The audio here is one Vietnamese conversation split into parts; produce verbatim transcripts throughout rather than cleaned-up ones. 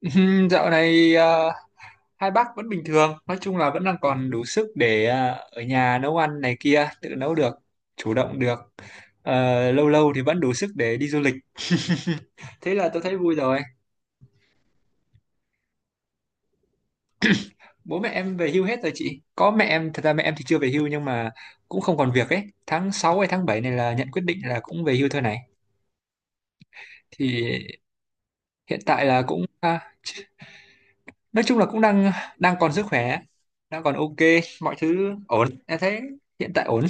Ừm, Dạo này ờ, hai bác vẫn bình thường, nói chung là vẫn đang còn đủ sức để ờ, ở nhà nấu ăn này kia, tự nấu được, chủ động được. Ờ, lâu lâu thì vẫn đủ sức để đi du lịch. Thế là tôi thấy vui rồi. Bố mẹ em về hưu hết rồi chị. Có mẹ em, thật ra mẹ em thì chưa về hưu nhưng mà cũng không còn việc ấy. Tháng sáu hay tháng bảy này là nhận quyết định là cũng về hưu thôi này. Thì hiện tại là cũng à, nói chung là cũng đang đang còn sức khỏe, đang còn ok, mọi thứ ổn. Em thấy hiện tại ổn.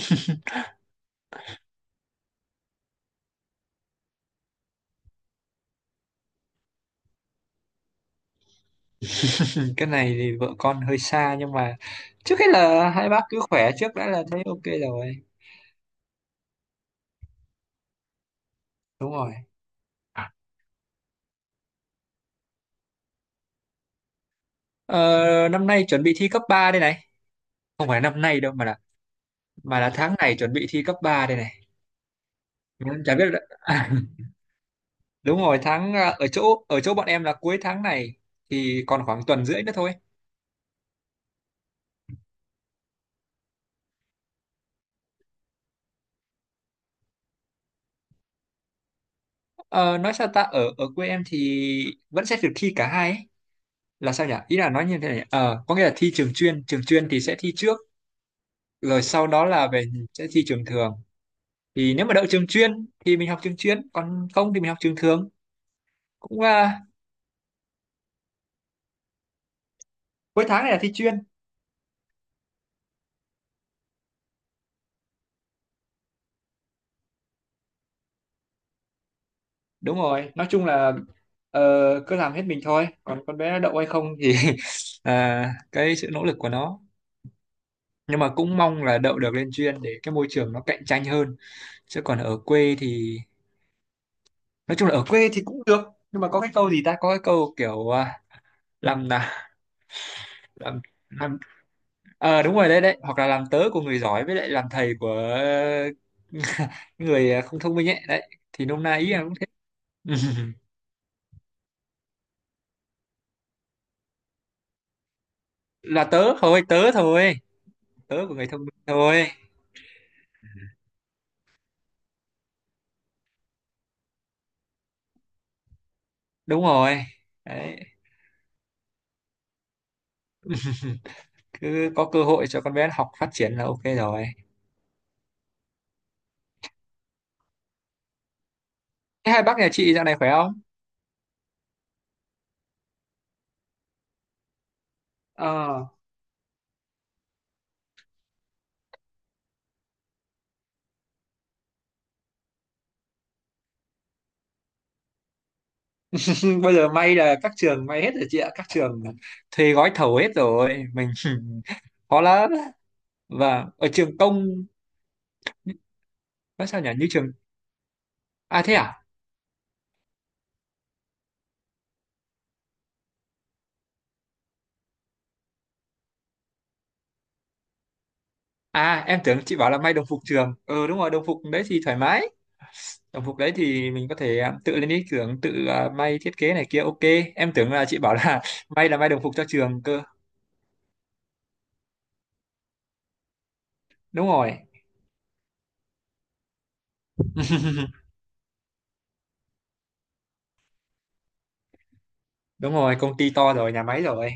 Cái này thì vợ con hơi xa nhưng mà trước hết là hai bác cứ khỏe trước đã là thấy ok rồi. Đúng rồi. ờ, Năm nay chuẩn bị thi cấp ba đây này. Không phải năm nay đâu mà là mà là tháng này chuẩn bị thi cấp ba đây này. Nên chả biết là- đúng rồi tháng à, ở chỗ ở chỗ bọn em là cuối tháng này, thì còn khoảng tuần rưỡi nữa thôi. ờ, nói sao ta, ở ở quê em thì vẫn sẽ được thi cả hai ấy. Là sao nhỉ, ý là nói như thế này ờ, có nghĩa là thi trường chuyên, trường chuyên thì sẽ thi trước, rồi sau đó là về sẽ thi trường thường. Thì nếu mà đậu trường chuyên thì mình học trường chuyên, còn không thì mình học trường thường. cũng à, Cuối tháng này là thi chuyên. Đúng rồi, nói chung là ờ, cứ làm hết mình thôi, còn con bé nó đậu hay không thì à, cái sự nỗ lực của nó. Nhưng mà cũng mong là đậu được lên chuyên để cái môi trường nó cạnh tranh hơn. Chứ còn ở quê thì nói chung là ở quê thì cũng được. Nhưng mà có cái câu gì ta, có cái câu kiểu à, làm là làm làm Ờ đúng rồi, đấy đấy, hoặc là làm tớ của người giỏi với lại làm thầy của người không thông minh ấy, đấy thì nôm na ý là cũng thế. Là tớ thôi, tớ thôi, tớ của người thông minh thôi. Đúng rồi đấy, cứ có cơ hội cho con bé học phát triển là ok rồi. Thế hai bác nhà chị dạo này khỏe không? Ờ. Bây giờ may là các trường may hết rồi chị ạ, các trường thuê gói thầu hết rồi mình khó lắm, và ở trường công. Nói sao nhỉ, như trường. À thế à? À, em tưởng chị bảo là may đồng phục trường. Ừ đúng rồi, đồng phục đấy thì thoải mái. Đồng phục đấy thì mình có thể à, tự lên ý tưởng. Tự à, may thiết kế này kia, ok. Em tưởng là chị bảo là may là may đồng phục cho trường cơ. Đúng rồi. Đúng rồi, công ty to rồi, nhà máy rồi.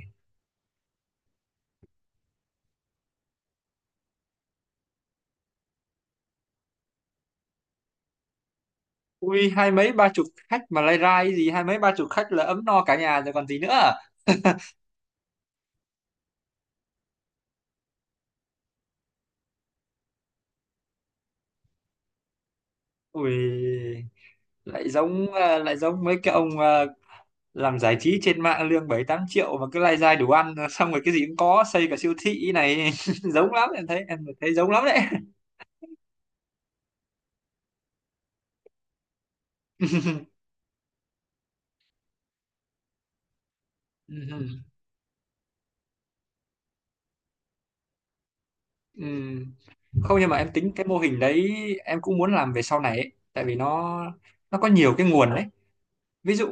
Ui, hai mấy ba chục khách mà lai rai gì? Hai mấy ba chục khách là ấm no cả nhà rồi còn gì nữa. Ui, lại giống à, lại giống mấy cái ông à, làm giải trí trên mạng lương bảy tám triệu mà cứ lai dai đủ ăn xong rồi cái gì cũng có, xây cả siêu thị này. Giống lắm, em thấy em thấy giống lắm đấy. Ừ. Ừ. Không, nhưng mà em tính cái mô hình đấy, em cũng muốn làm về sau này ấy. Tại vì nó, nó có nhiều cái nguồn đấy. Ví dụ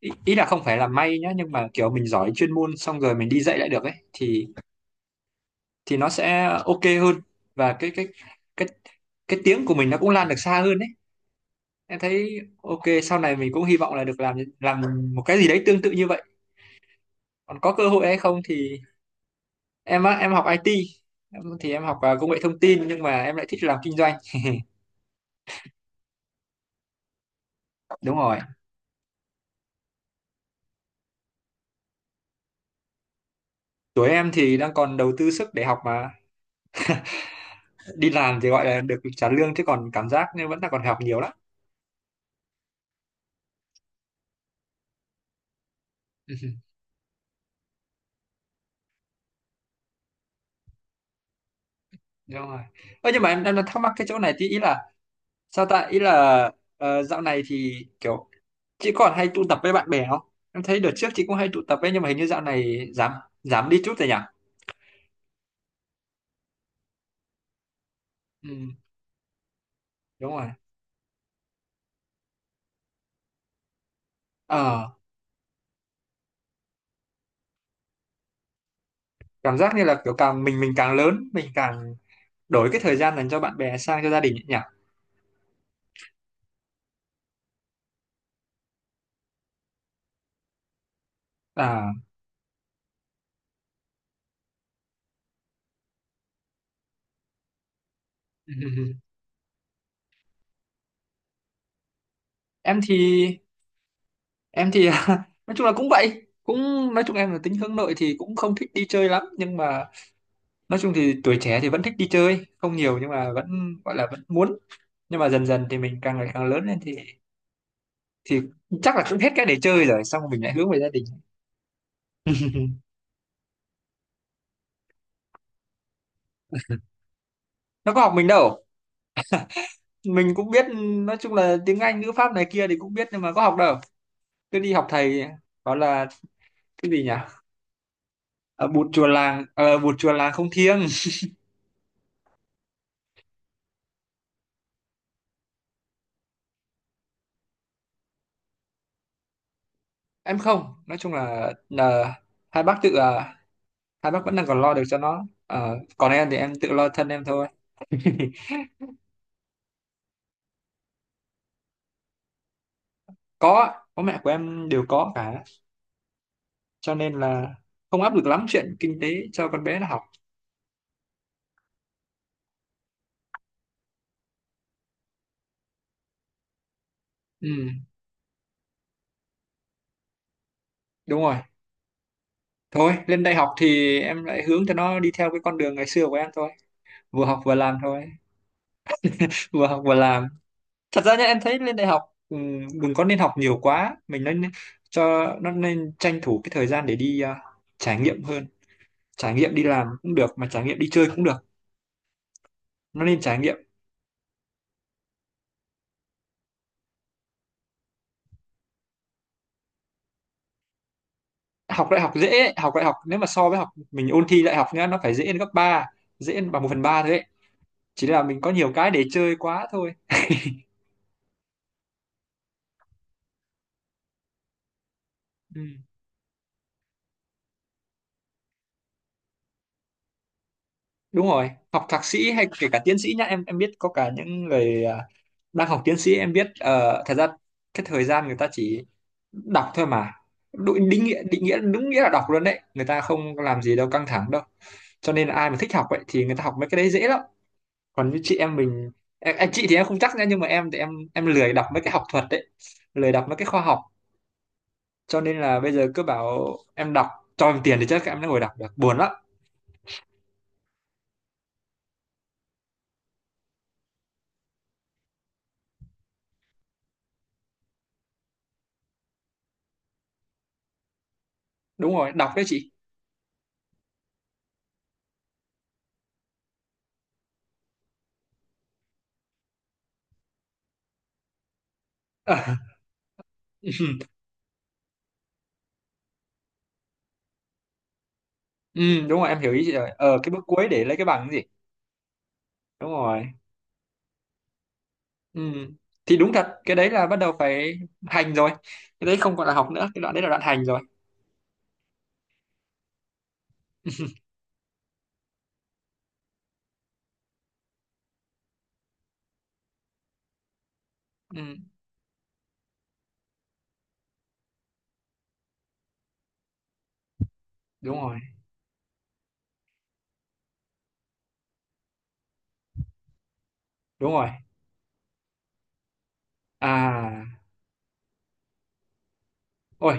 ý, ý là không phải là may nhá, nhưng mà kiểu mình giỏi chuyên môn xong rồi mình đi dạy lại được ấy thì, thì nó sẽ ok hơn. Và cái cái cái cái tiếng của mình nó cũng lan được xa hơn đấy. Em thấy ok, sau này mình cũng hy vọng là được làm làm một cái gì đấy tương tự như vậy. Còn có cơ hội hay không thì, em á em học ai ti. Em, thì em học à, công nghệ thông tin, nhưng mà em lại thích làm kinh doanh. Đúng rồi, tuổi em thì đang còn đầu tư sức để học mà. Đi làm thì gọi là được trả lương, chứ còn cảm giác nên vẫn là còn học nhiều lắm. Đúng rồi. Ơ, nhưng mà em em đang thắc mắc cái chỗ này tí, ý là sao ta, ý là ờ, dạo này thì kiểu chị còn hay tụ tập với bạn bè không? Em thấy đợt trước chị cũng hay tụ tập ấy, nhưng mà hình như dạo này giảm, giảm đi chút rồi nhỉ. Đúng rồi, ờ cảm giác như là kiểu càng mình mình càng lớn mình càng đổi cái thời gian dành cho bạn bè sang cho gia đình ấy nhỉ. À. em thì em thì nói chung là cũng vậy, cũng nói chung em là tính hướng nội thì cũng không thích đi chơi lắm, nhưng mà nói chung thì tuổi trẻ thì vẫn thích đi chơi, không nhiều nhưng mà vẫn gọi là vẫn muốn. Nhưng mà dần dần thì mình càng ngày càng lớn lên thì, thì chắc là cũng hết cái để chơi rồi, xong mình lại hướng về gia đình. Nó có học mình đâu. Mình cũng biết, nói chung là tiếng Anh ngữ pháp này kia thì cũng biết, nhưng mà có học đâu, cứ đi học thầy. Đó là cái gì nhỉ, à, bụt chùa làng ờ, bụt chùa làng không thiêng. Em không, nói chung là, là hai bác tự à, hai bác vẫn đang còn lo được cho nó. Ờ, còn em thì em tự lo thân em thôi. Có, bố mẹ của em đều có cả, cho nên là không áp lực lắm chuyện kinh tế cho con bé nó học. Ừ đúng rồi. Thôi lên đại học thì em lại hướng cho nó đi theo cái con đường ngày xưa của em thôi. Vừa học vừa làm thôi. Vừa học vừa làm. Thật ra nhá, em thấy lên đại học ừ, đừng có nên học nhiều quá, mình nên nên- cho nó, nên tranh thủ cái thời gian để đi à, trải nghiệm hơn. Trải nghiệm đi làm cũng được, mà trải nghiệm đi chơi cũng được. Nó nên trải nghiệm. Học đại học dễ ấy. Học đại học nếu mà so với học mình ôn thi đại học nhá, nó phải dễ đến gấp ba, dễ đến bằng một phần ba thôi ấy. Chỉ là mình có nhiều cái để chơi quá thôi. Ừ. Đúng rồi, học thạc sĩ hay kể cả tiến sĩ nhá, em em biết có cả những người ờ, đang học tiến sĩ. Em biết ờ, thật ra cái thời gian người ta chỉ đọc thôi mà. Đụ- định nghĩa định nghĩa đúng nghĩa là đọc luôn đấy, người ta không làm gì đâu, căng thẳng đâu. Cho nên là ai mà thích học vậy thì người ta học mấy cái đấy dễ lắm. Còn như chị em mình, em, em chị thì em không chắc nữa, nhưng mà em thì em em lười đọc mấy cái học thuật đấy, lười đọc mấy cái khoa học. Cho nên là bây giờ cứ bảo em đọc, cho em tiền thì chắc em đã ngồi đọc được, buồn lắm. Đúng rồi, đọc đấy chị. Ờ. Ừ, đúng rồi em hiểu ý chị rồi, ờ cái bước cuối để lấy cái bằng cái gì. Đúng rồi. Ừ. Thì đúng thật, cái đấy là bắt đầu phải hành rồi. Cái đấy không còn là học nữa, cái đoạn đấy là đoạn hành rồi. Ừ, đúng rồi, đúng rồi. À, ôi,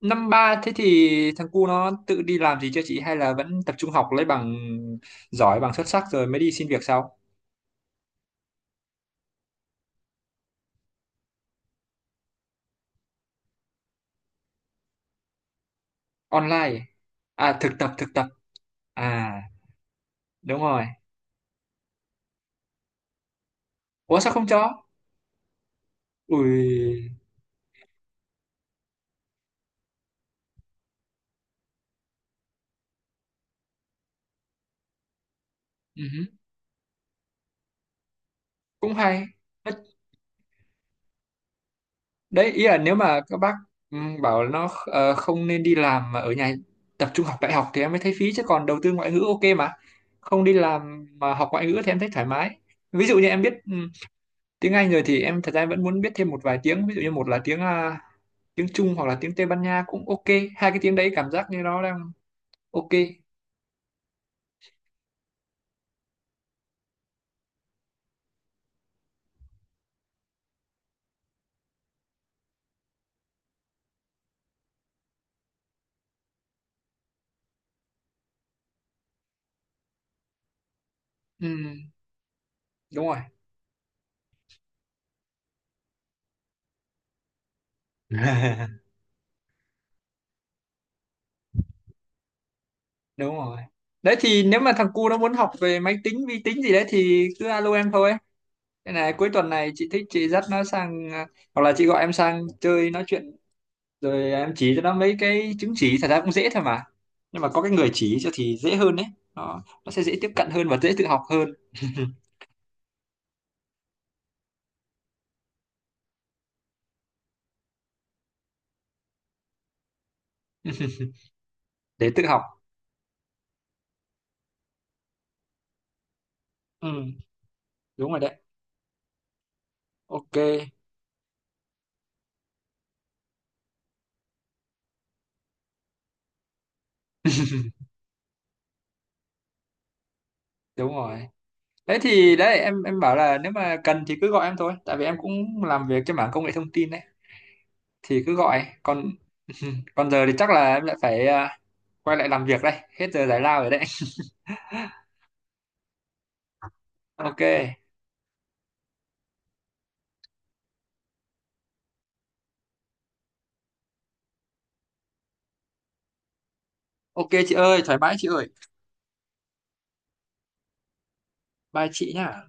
năm ba thế thì thằng cu nó tự đi làm gì chưa chị, hay là vẫn tập trung học lấy bằng giỏi, bằng xuất sắc rồi mới đi xin việc sau? Online. À, thực tập, thực tập. À, đúng rồi. Ủa sao không cho? Ui, ừ cũng hay. Đấy, ý là nếu mà các bác ừm, bảo nó ờ, không nên đi làm mà ở nhà tập trung học đại học thì em mới thấy phí, chứ còn đầu tư ngoại ngữ ok mà. Không đi làm mà học ngoại ngữ thì em thấy thoải mái. Ví dụ như em biết ừm, tiếng Anh rồi thì em, thật ra em vẫn muốn biết thêm một vài tiếng, ví dụ như một là tiếng à, tiếng Trung, hoặc là tiếng Tây Ban Nha cũng ok. Hai cái tiếng đấy cảm giác như nó đang ok. Ừm, Đúng rồi. Đúng rồi đấy, thì nếu mà thằng cu nó muốn học về máy tính vi tính gì đấy thì cứ alo em thôi. Thế này cuối tuần này chị thích chị dắt nó sang à, hoặc là chị gọi em sang chơi nói chuyện, rồi em chỉ cho nó mấy cái chứng chỉ, thật ra cũng dễ thôi mà, nhưng mà có cái người chỉ cho thì dễ hơn đấy, nó nó sẽ dễ tiếp cận hơn và dễ tự học hơn. Để tự học. Ừ, đúng rồi đấy, ok. Đúng rồi đấy, thì đấy em em bảo là nếu mà cần thì cứ gọi em thôi, tại vì em cũng làm việc trên mảng công nghệ thông tin đấy, thì cứ gọi. Còn còn giờ thì chắc là em lại phải à, quay lại làm việc đây, hết giờ giải lao rồi đấy. Ok. Ok chị ơi, thoải mái chị ơi. Bye chị nhá.